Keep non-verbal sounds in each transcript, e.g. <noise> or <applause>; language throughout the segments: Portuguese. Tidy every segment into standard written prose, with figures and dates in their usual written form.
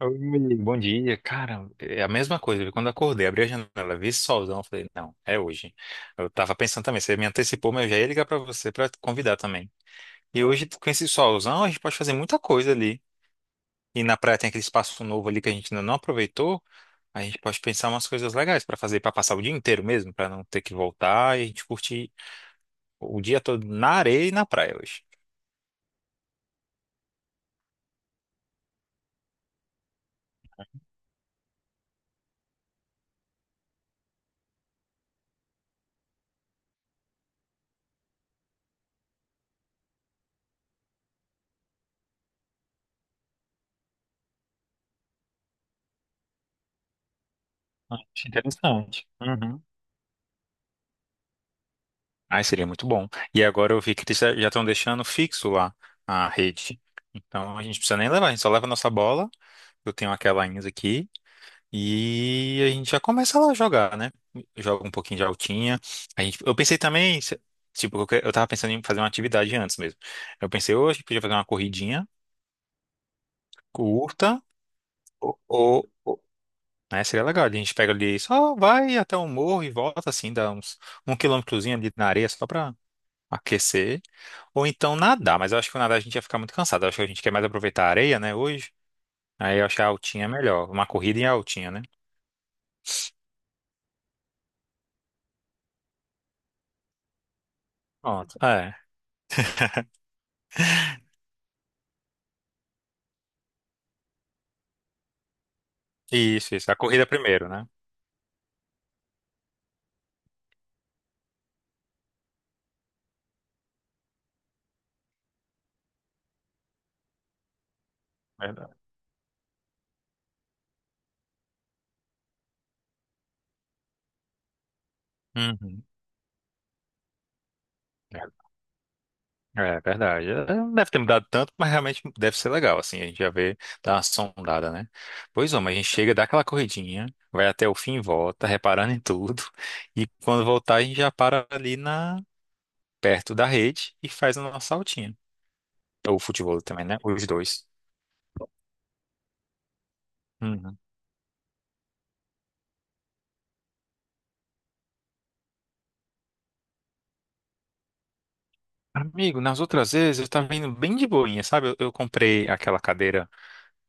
Oi, bom dia. Cara, é a mesma coisa, viu? Quando eu acordei, abri a janela, vi esse solzão, falei, não, é hoje. Eu tava pensando também, você me antecipou, mas eu já ia ligar pra você pra te convidar também. E hoje, com esse solzão, a gente pode fazer muita coisa ali. E na praia tem aquele espaço novo ali que a gente ainda não aproveitou. A gente pode pensar umas coisas legais pra fazer, pra passar o dia inteiro mesmo, pra não ter que voltar e a gente curtir o dia todo na areia e na praia hoje. Acho interessante. Ai, seria muito bom. E agora eu vi que eles já estão deixando fixo lá a rede. Então a gente não precisa nem levar, a gente só leva a nossa bola. Eu tenho aquela ainda aqui. E a gente já começa lá a jogar, né? Joga um pouquinho de altinha. A gente, eu pensei também, tipo, eu tava pensando em fazer uma atividade antes mesmo. Eu pensei, hoje a gente podia fazer uma corridinha curta, ou, ou, ou- né? Seria legal. A gente pega ali, só vai até o morro e volta assim, dá uns um quilômetrozinho ali na areia, só pra aquecer, ou então nadar, mas eu acho que o nadar a gente ia ficar muito cansado. Eu acho que a gente quer mais aproveitar a areia, né, hoje. Aí eu acho que a altinha é melhor, uma corrida em altinha, né? Pronto. É. Isso, isso. A corrida primeiro, né? Verdade. Uhum. É, é verdade. É, não deve ter mudado tanto, mas realmente deve ser legal, assim, a gente já vê, dá uma sondada, né? Pois é, mas a gente chega, dá aquela corridinha, vai até o fim e volta, reparando <laughs> em tudo, e quando voltar a gente já para ali na, perto da rede e faz a nossa altinha. Ou futebol também, né? Os dois. Uhum. Amigo, nas outras vezes eu tava indo bem de boinha, sabe? Eu comprei aquela cadeira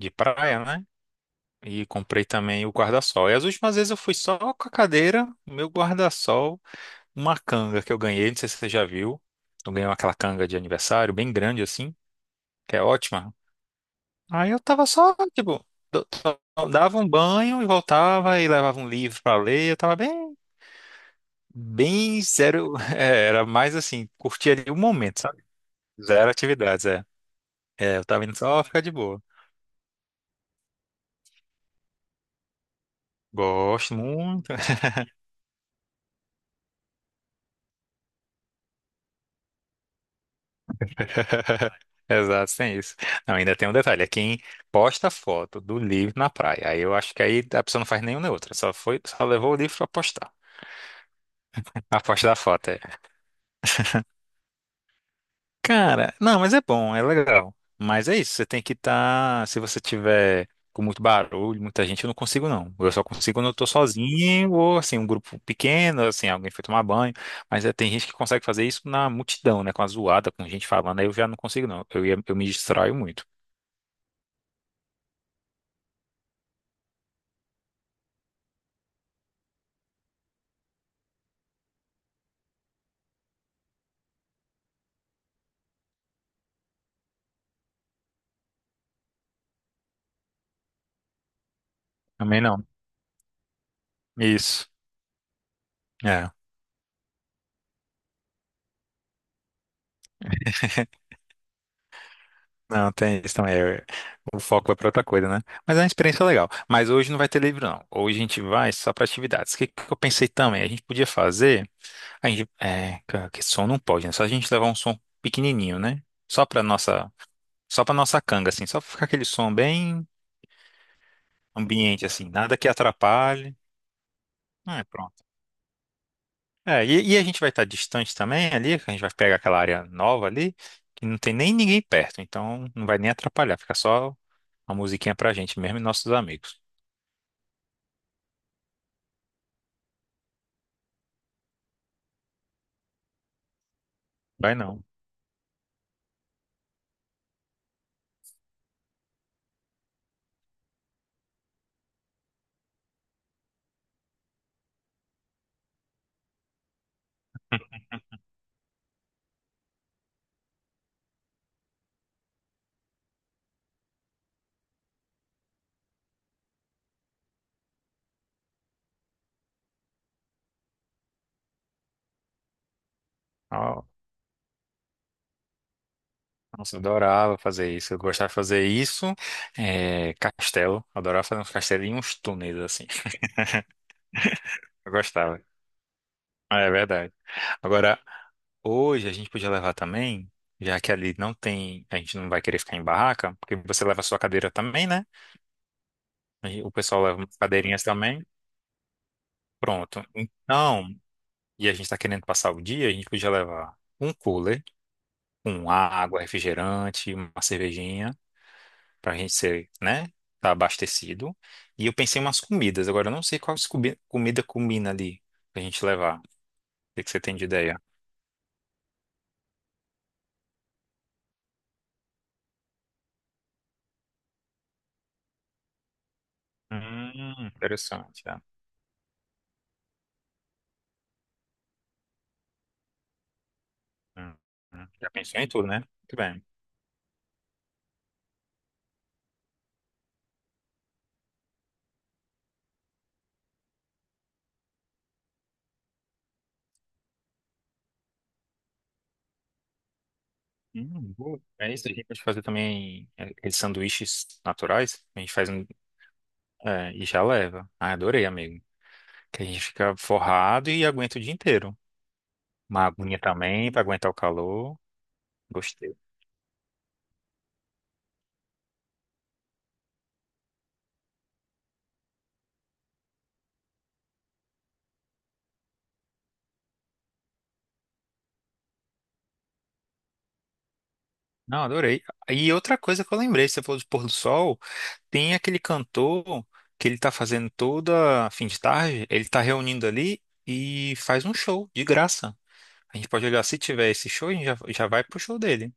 de praia, né? E comprei também o guarda-sol. E as últimas vezes eu fui só com a cadeira, meu guarda-sol, uma canga que eu ganhei, não sei se você já viu. Eu ganhei aquela canga de aniversário, bem grande assim, que é ótima. Aí eu tava só, tipo, só dava um banho e voltava e levava um livro pra ler. Eu tava bem, bem zero. <laughs> É, era mais assim, curtia ali o momento, sabe? Zero atividades, é. É, eu tava indo só ficar de boa. Gosto muito. <laughs> Exato, sem isso. Não, ainda tem um detalhe, é quem posta foto do livro na praia. Aí eu acho que aí a pessoa não faz nenhum nem outra, só foi, só levou o livro pra postar. A parte da foto, é. Cara, não, mas é bom, é legal. Mas é isso, você tem que estar. Se você tiver com muito barulho, muita gente, eu não consigo não. Eu só consigo quando eu tô sozinho ou assim, um grupo pequeno, assim, alguém foi tomar banho. Mas é, tem gente que consegue fazer isso na multidão, né? Com a zoada, com gente falando, aí eu já não consigo não. Eu me distraio muito. Também não. Isso. É. <laughs> Não, tem isso também. É, o foco vai pra outra coisa, né? Mas é uma experiência legal. Mas hoje não vai ter livro, não. Hoje a gente vai só para atividades. O que que eu pensei também? A gente podia fazer. A gente, que som não pode, né? Só a gente levar um som pequenininho, né? Só pra nossa, só pra nossa canga, assim. Só pra ficar aquele som bem ambiente, assim. Nada que atrapalhe. Ah, é, pronto. É, e a gente vai estar distante também ali, que a gente vai pegar aquela área nova ali, que não tem nem ninguém perto. Então não vai nem atrapalhar. Fica só uma musiquinha pra gente mesmo e nossos amigos. Vai não. Ó, nossa, eu adorava fazer isso. Eu gostava de fazer isso. É, castelo. Adorava fazer uns castelinhos, uns túneis, assim. <laughs> Eu gostava. Ah, é verdade. Agora, hoje a gente podia levar também, já que ali não tem, a gente não vai querer ficar em barraca, porque você leva a sua cadeira também, né? Aí o pessoal leva umas cadeirinhas também. Pronto. Então, e a gente tá querendo passar o dia, a gente podia levar um cooler, com água, refrigerante, uma cervejinha, pra gente ser, né? Tá abastecido. E eu pensei em umas comidas. Agora, eu não sei qual comida combina ali pra gente levar. O que que você tem de ideia? Interessante. É. Hum, hum. Já pensou em tudo, né? Muito bem. Boa. É isso, a gente pode fazer também, aqueles sanduíches naturais. A gente faz um, e já leva. Ah, adorei, amigo. Que a gente fica forrado e aguenta o dia inteiro. Uma aguinha também para aguentar o calor. Gostei. Não, adorei. E outra coisa que eu lembrei, você falou de pôr do sol, tem aquele cantor que ele tá fazendo toda fim de tarde, ele tá reunindo ali e faz um show de graça. A gente pode olhar, se tiver esse show, a gente já, já vai pro show dele.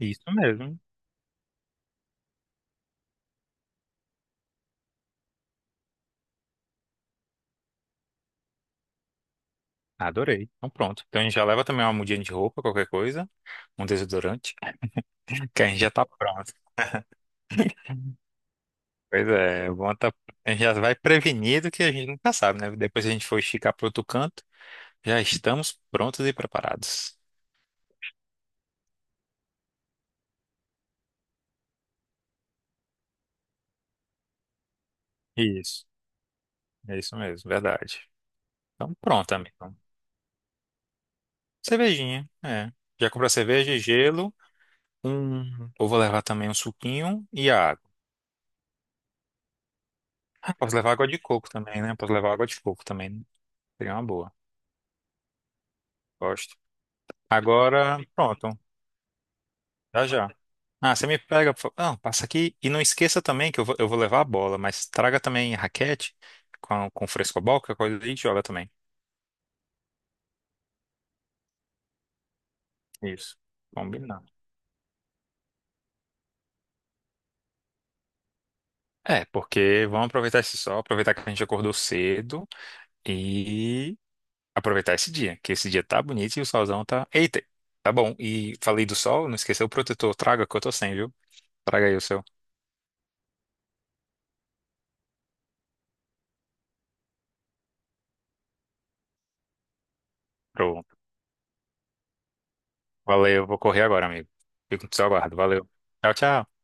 Isso mesmo. Adorei. Então pronto. Então a gente já leva também uma mudinha de roupa, qualquer coisa, um desodorante, <laughs> que a gente já tá pronto. Pois é, bom, tá, a gente já vai prevenido que a gente nunca sabe, né? Depois se a gente for esticar para outro canto, já estamos prontos e preparados. Isso, é isso mesmo, verdade. Então pronto, amigo. Cervejinha, é. Já comprou a cerveja, gelo, um. Eu vou levar também um suquinho e a água. Ah, posso levar água de coco também, né? Posso levar água de coco também, né? Seria uma boa. Gosto. Agora, pronto. Já já. Ah, você me pega, por favor. Não, passa aqui. E não esqueça também que eu vou levar a bola, mas traga também raquete com frescobol, que é coisa a gente joga também. Isso. Combinado. É, porque vamos aproveitar esse sol, aproveitar que a gente acordou cedo e aproveitar esse dia, que esse dia tá bonito e o solzão tá. Eita, tá bom. E falei do sol, não esqueceu o protetor. Traga que eu tô sem, viu? Traga aí o seu. Pronto. Valeu, vou correr agora, amigo. Fico no seu aguardo. Valeu. Tchau, tchau.